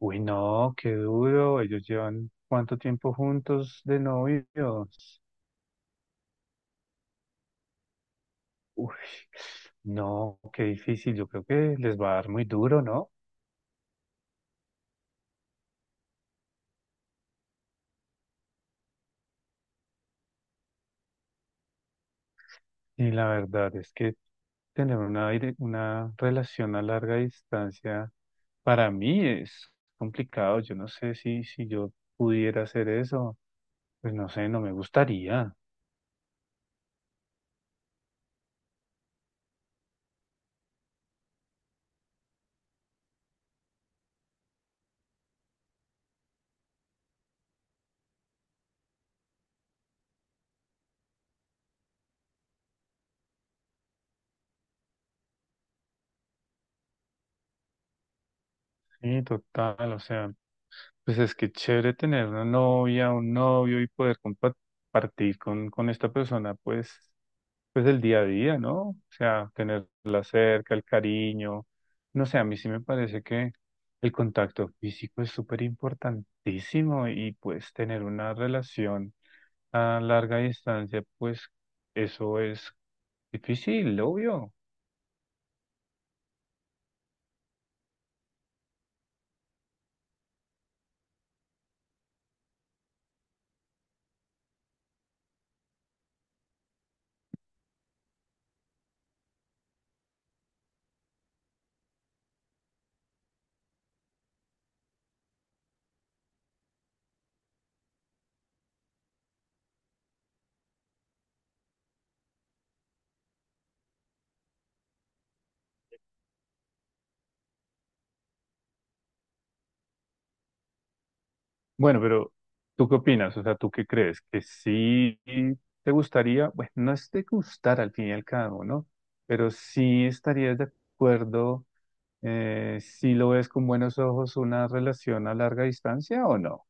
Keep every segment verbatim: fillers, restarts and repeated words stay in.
Uy, no, qué duro. Ellos llevan cuánto tiempo juntos de novios. Uy, no, qué difícil. Yo creo que les va a dar muy duro, ¿no? Y la verdad es que tener una, dire- una relación a larga distancia para mí es complicado. Yo no sé si, si yo pudiera hacer eso. Pues no sé, no me gustaría. Sí, total. O sea, pues es que chévere tener una novia, un novio y poder compartir con, con esta persona, pues pues el día a día, ¿no? O sea, tenerla cerca, el cariño. No sé, a mí sí me parece que el contacto físico es súper importantísimo y pues tener una relación a larga distancia, pues eso es difícil, obvio. Bueno, pero ¿tú qué opinas? O sea, ¿tú qué crees? ¿Que sí te gustaría? Bueno, no es de gustar al fin y al cabo, ¿no? Pero sí estarías de acuerdo eh, si lo ves con buenos ojos una relación a larga distancia o no.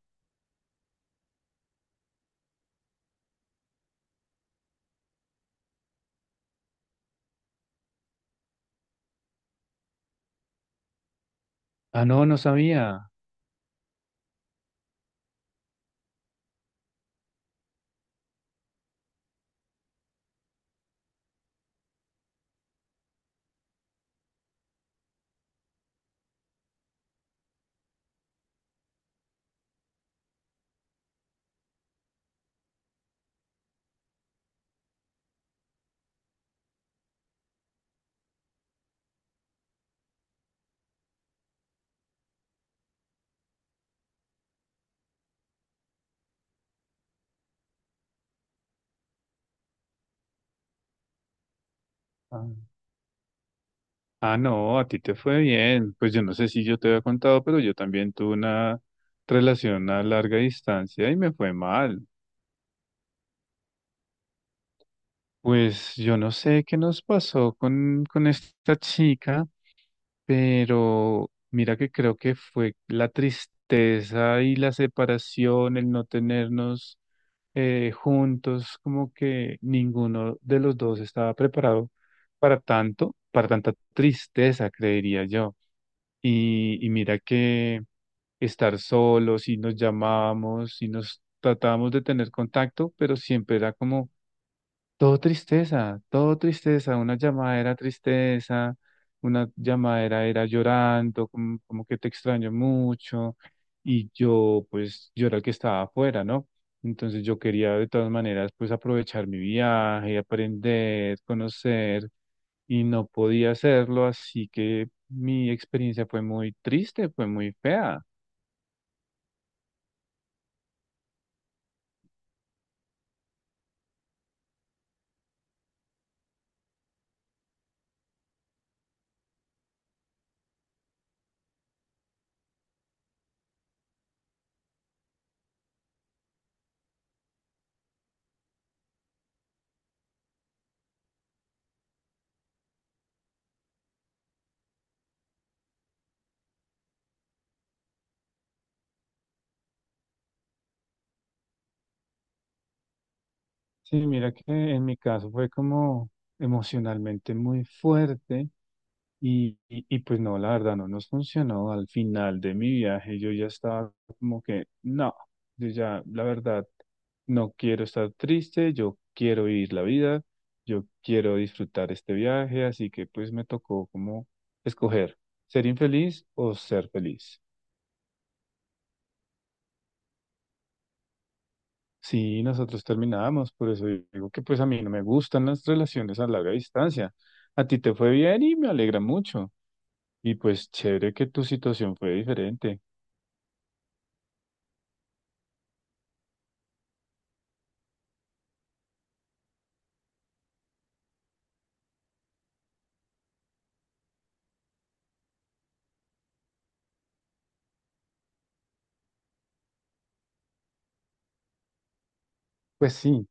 Ah, no, no sabía. Ah, Ah, no, a ti te fue bien. Pues yo no sé si yo te había contado, pero yo también tuve una relación a larga distancia y me fue mal. Pues yo no sé qué nos pasó con, con esta chica, pero mira que creo que fue la tristeza y la separación, el no tenernos eh, juntos, como que ninguno de los dos estaba preparado para tanto, para tanta tristeza, creería yo. Y, y mira que estar solos y nos llamábamos y nos tratábamos de tener contacto, pero siempre era como todo tristeza, todo tristeza, una llamada era tristeza, una llamadera era llorando, como, como que te extraño mucho, y yo pues yo era el que estaba afuera, ¿no? Entonces yo quería de todas maneras pues aprovechar mi viaje, aprender, conocer, y no podía hacerlo, así que mi experiencia fue muy triste, fue muy fea. Sí, mira que en mi caso fue como emocionalmente muy fuerte. Y, y, y pues no, la verdad no nos funcionó. Al final de mi viaje yo ya estaba como que no, yo ya, la verdad, no quiero estar triste, yo quiero vivir la vida, yo quiero disfrutar este viaje, así que pues me tocó como escoger ser infeliz o ser feliz. Sí, nosotros terminamos, por eso digo que pues a mí no me gustan las relaciones a larga distancia. A ti te fue bien y me alegra mucho. Y pues chévere que tu situación fue diferente. Pues sí.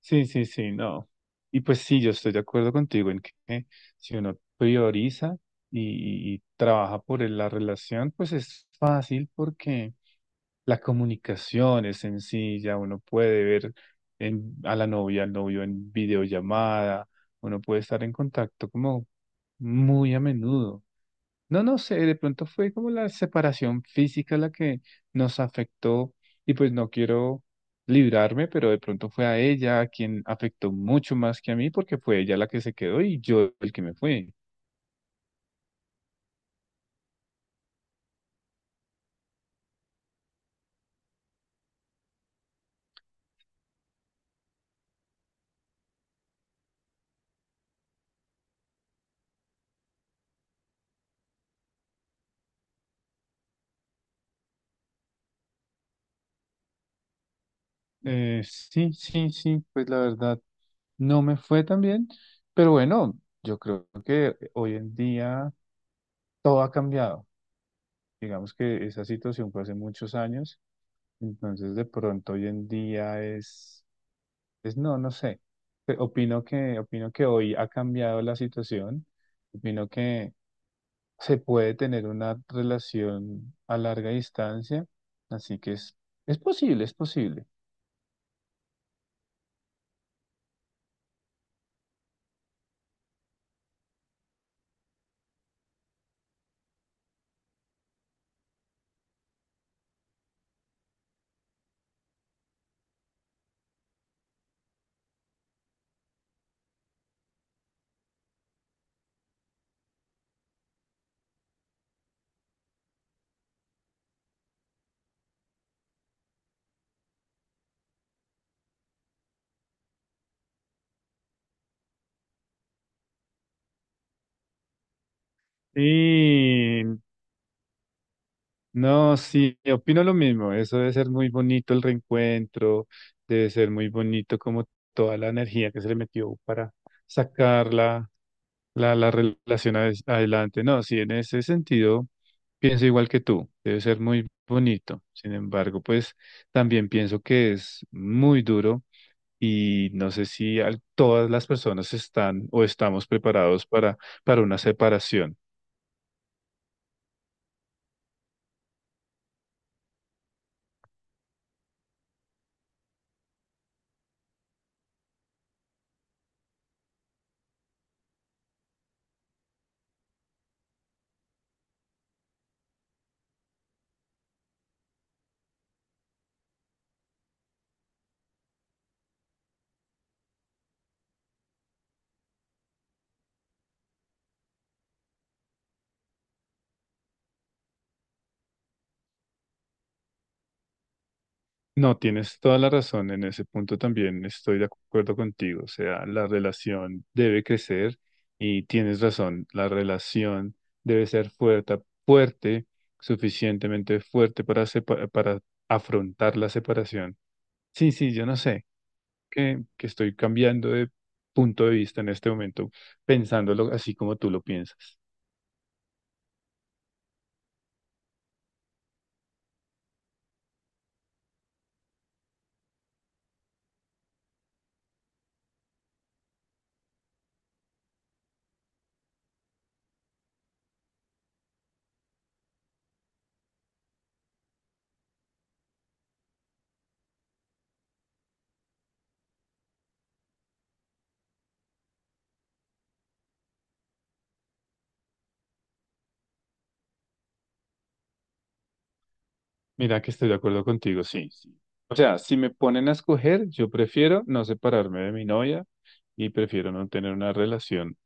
Sí, sí, sí, no. Y pues sí, yo estoy de acuerdo contigo en que si uno prioriza y, y trabaja por el- la relación, pues es fácil porque la comunicación es sencilla, uno puede ver en- a la novia, al novio en videollamada, uno puede estar en contacto como muy a menudo. No, no sé, de pronto fue como la separación física la que nos afectó y pues no quiero librarme, pero de pronto fue a ella a quien afectó mucho más que a mí porque fue ella la que se quedó y yo el que me fue. Eh, sí, sí, sí, pues la verdad no me fue tan bien, pero bueno, yo creo que hoy en día todo ha cambiado. Digamos que esa situación fue hace muchos años, entonces de pronto hoy en día es... Pues no, no sé. Pe- Opino que, opino que hoy ha cambiado la situación. Opino que se puede tener una relación a larga distancia. Así que es, es posible, es posible. Sí, no, sí, opino lo mismo. Eso debe ser muy bonito el reencuentro, debe ser muy bonito como toda la energía que se le metió para sacarla, la, la relación ades- adelante. No, sí, en ese sentido pienso igual que tú, debe ser muy bonito. Sin embargo, pues también pienso que es muy duro y no sé si al- todas las personas están o estamos preparados para, para una separación. No, tienes toda la razón, en ese punto también estoy de acuerdo contigo, o sea, la relación debe crecer y tienes razón, la relación debe ser fuerte, fuerte, suficientemente fuerte para, sepa- para afrontar la separación. Sí, sí, yo no sé, que, que estoy cambiando de punto de vista en este momento, pensándolo así como tú lo piensas. Mira que estoy de acuerdo contigo, sí, sí. O sea, si me ponen a escoger, yo prefiero no separarme de mi novia y prefiero no tener una relación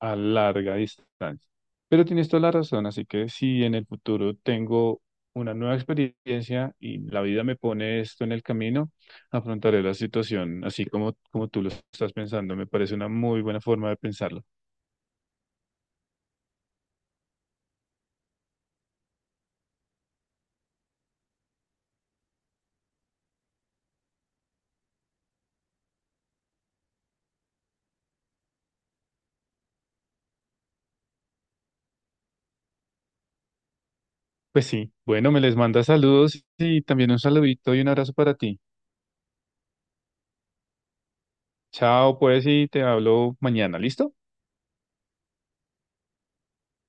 a larga distancia. Pero tienes toda la razón, así que si en el futuro tengo una nueva experiencia y la vida me pone esto en el camino, afrontaré la situación así como, como tú lo estás pensando. Me parece una muy buena forma de pensarlo. Pues sí, bueno, me les manda saludos y también un saludito y un abrazo para ti. Chao, pues, y te hablo mañana, ¿listo?